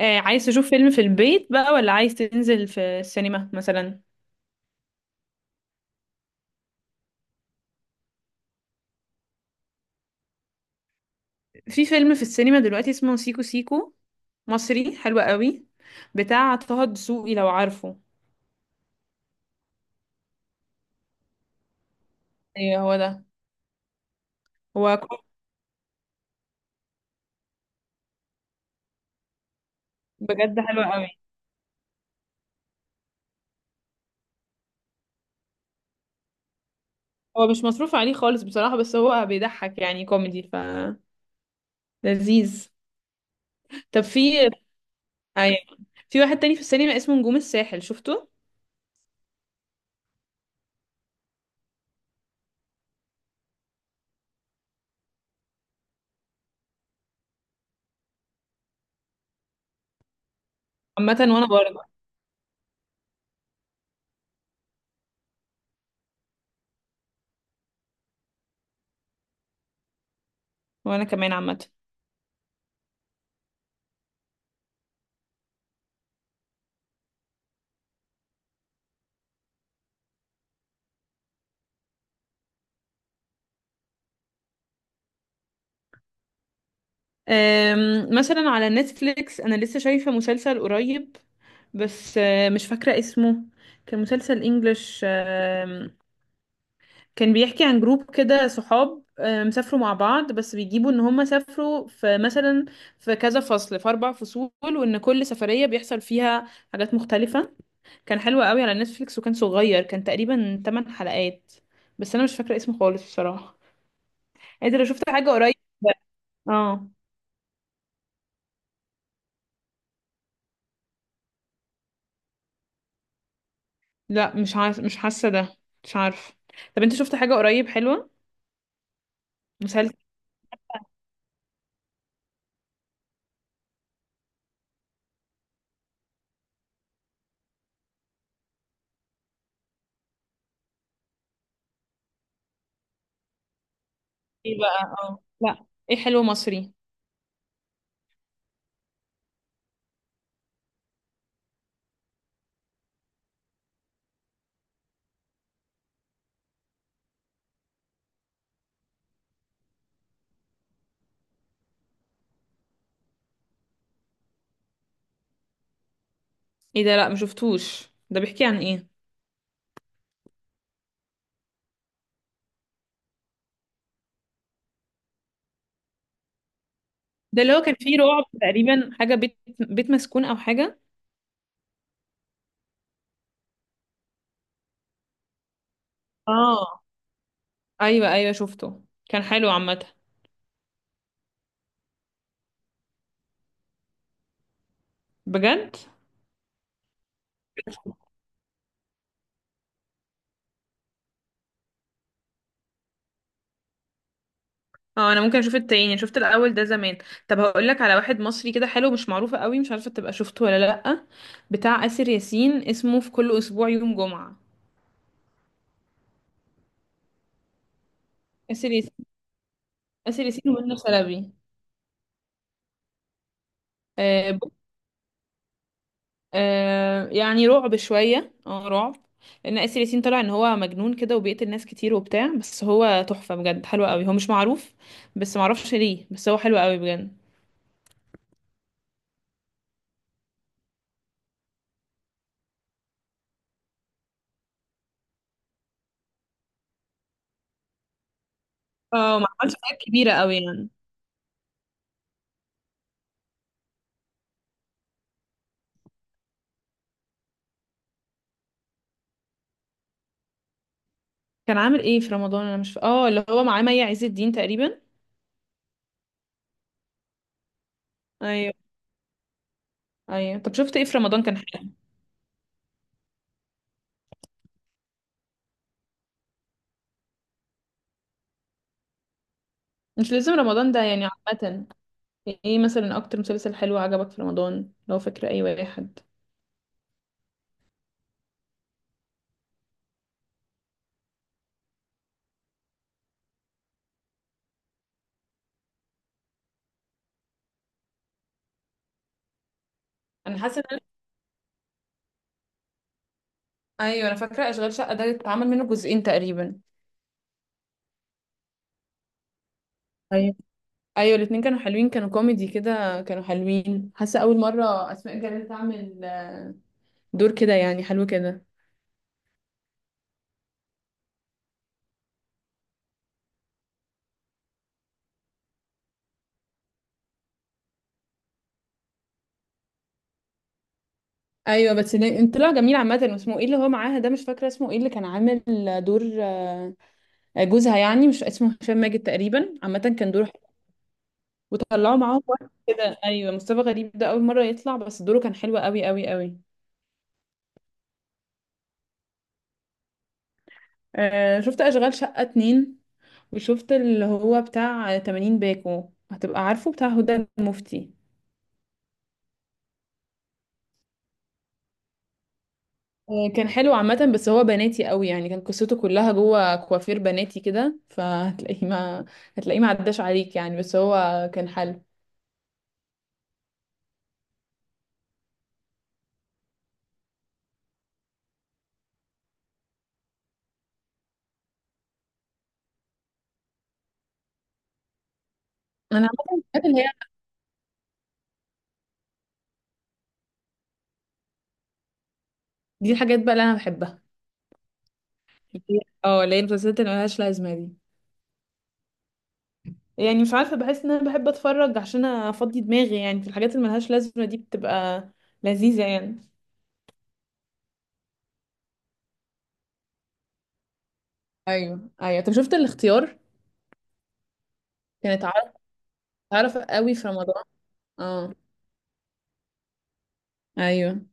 آه، عايز تشوف فيلم في البيت بقى ولا عايز تنزل في السينما مثلا؟ في فيلم في السينما دلوقتي اسمه سيكو سيكو، مصري حلو قوي، بتاع طه دسوقي لو عارفه. ايوه هو ده. هو كو- بجد حلو قوي. هو مش مصروف عليه خالص بصراحة، بس هو بيضحك يعني كوميدي، ف لذيذ. طب ايوه، في واحد تاني في السينما اسمه نجوم الساحل، شفته؟ عامة وانا برضه. وانا كمان عامة. مثلا على نتفليكس انا لسه شايفة مسلسل قريب، بس مش فاكرة اسمه. كان مسلسل انجلش. كان بيحكي عن جروب كده صحاب سافروا مع بعض، بس بيجيبوا ان هم سافروا في مثلا في كذا فصل، في اربع فصول، وان كل سفرية بيحصل فيها حاجات مختلفة. كان حلو قوي على نتفليكس، وكان صغير، كان تقريبا 8 حلقات. بس انا مش فاكرة اسمه خالص بصراحة. انت لو شفت حاجة قريب؟ اه، لا مش عارف، مش حاسة ده. مش عارف. طب انت شفت حاجة قريب حلوة؟ مسلسل. ايه بقى؟ اه لا، ايه، حلو مصري. ايه ده؟ لا ما شفتوش، ده بيحكي عن ايه؟ ده اللي هو كان فيه رعب تقريبا، حاجه بيت مسكون او حاجه. اه، ايوه ايوه شفته. كان حلو عامه. بجد. اه، انا ممكن اشوف التاني، شفت الاول ده زمان. طب هقول لك على واحد مصري كده حلو، مش معروفه قوي، مش عارفه تبقى شفته ولا لا. بتاع آسر ياسين، اسمه في كل اسبوع يوم جمعه. آسر ياسين. آسر ياسين ومنى شلبي. آه. آه يعني رعب شوية، رعب، لأن آسر ياسين طلع إن هو مجنون كده وبيقتل ناس كتير وبتاع، بس هو تحفة بجد، حلو قوي، هو مش معروف، بس معرفش ليه، بس هو حلو قوي بجد. اه، ما عملش حاجات كبيرة قوي يعني. كان عامل ايه في رمضان؟ أنا مش ف... اه، اللي هو معاه مي عز الدين تقريبا. أيوه أيوه، طب شفت ايه في رمضان كان حلو؟ مش لازم رمضان ده يعني، عامة ايه مثلا أكتر مسلسل حلو عجبك في رمضان لو فاكرة أي واحد؟ أنا حاسة إن أنا- أيوه أنا فاكرة أشغال شقة، ده اتعمل منه جزئين تقريبا. ايوه ايوه، الاتنين كانوا حلوين، كانوا كوميدي كده، كانوا حلوين، حاسه اول مره اسماء جلال تعمل دور كده، يعني حلو كده. ايوه، بس طلع جميل عامه. واسمه ايه اللي هو معاها ده؟ مش فاكره اسمه ايه، اللي كان عامل دور جوزها يعني، مش اسمه هشام ماجد تقريبا، عامه كان دوره حلو. وطلعوا معاهم واحد كده، ايوه، مصطفى غريب ده، اول مره يطلع، بس دوره كان حلو قوي قوي قوي. آه، شفت اشغال شقه اتنين، وشفت اللي هو بتاع 80 باكو، هتبقى عارفه، بتاع هدى المفتي. كان حلو عامة، بس هو بناتي قوي يعني، كان قصته كلها جوه كوافير بناتي كده، فهتلاقيه ما هتلاقيه ما عداش عليك يعني، بس هو كان حلو. انا عامة، الحاجات اللي هي دي، الحاجات بقى اللي انا بحبها. اه، اللي هي المسلسلات اللي ملهاش لازمة دي. يعني مش عارفة، بحس ان انا بحب اتفرج عشان افضي دماغي، يعني في الحاجات اللي ملهاش لازمة دي بتبقى لذيذة يعني. ايوه ايوه، طب شفت الاختيار؟ كانت عارفة. عارفة قوي في رمضان. اه. ايوه.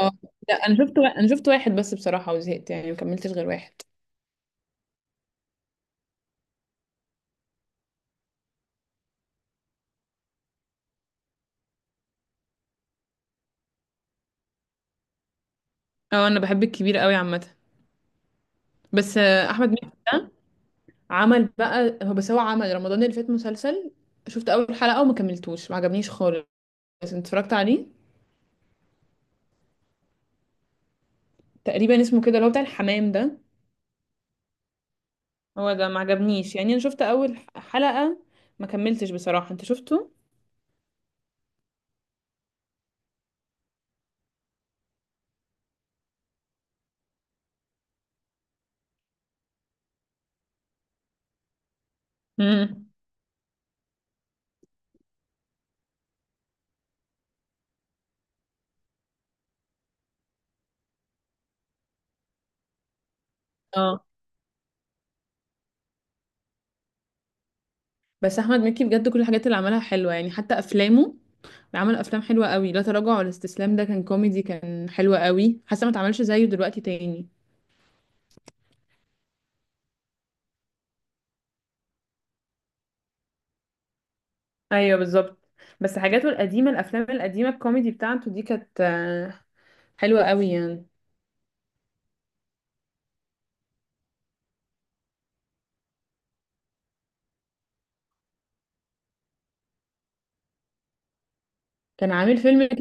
اه لا، انا شفت انا شفت واحد بس بصراحة، وزهقت يعني، ما كملتش غير واحد. اه، انا بحب الكبير قوي عامه. بس احمد مكي ده، عمل بقى، هو بس هو عمل رمضان اللي فات مسلسل، شفت اول حلقه وما كملتوش، ما عجبنيش خالص. انت اتفرجت عليه؟ تقريبا اسمه كده، اللي هو بتاع الحمام ده. هو ده، ما عجبنيش يعني، انا شفت اول حلقه ما كملتش بصراحه. انت شفته؟ امم. اه، بس احمد مكي بجد كل الحاجات اللي عملها حلوه يعني، حتى افلامه. عمل افلام حلوه قوي، لا تراجع ولا استسلام ده كان كوميدي، كان حلو قوي، حاسه ما اتعملش زيه دلوقتي تاني. ايوه بالظبط. بس حاجاته القديمه، الافلام القديمه الكوميدي بتاعته دي كانت حلوه قوي يعني. كان عامل فيلم ك-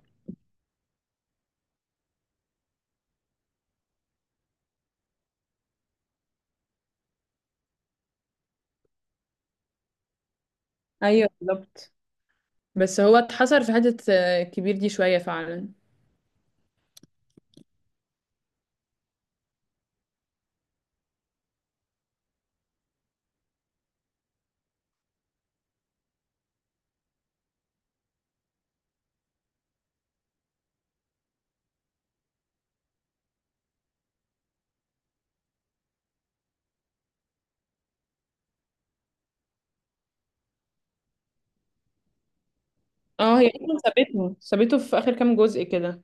ايوه بالظبط. بس هو اتحصر في حته كبير دي شويه فعلا. اه، هي اصلا سابته في اخر كام جزء كده.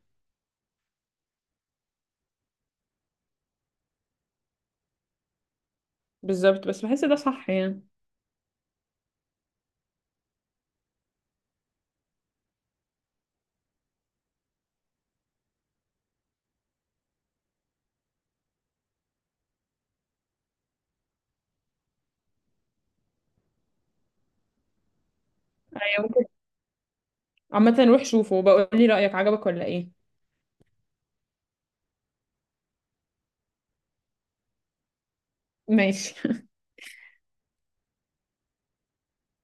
بالظبط، بس بحس ده صح يعني. ايوه ممكن. عامه روح شوفه وبقول لي رايك، عجبك ولا ايه؟ ماشي.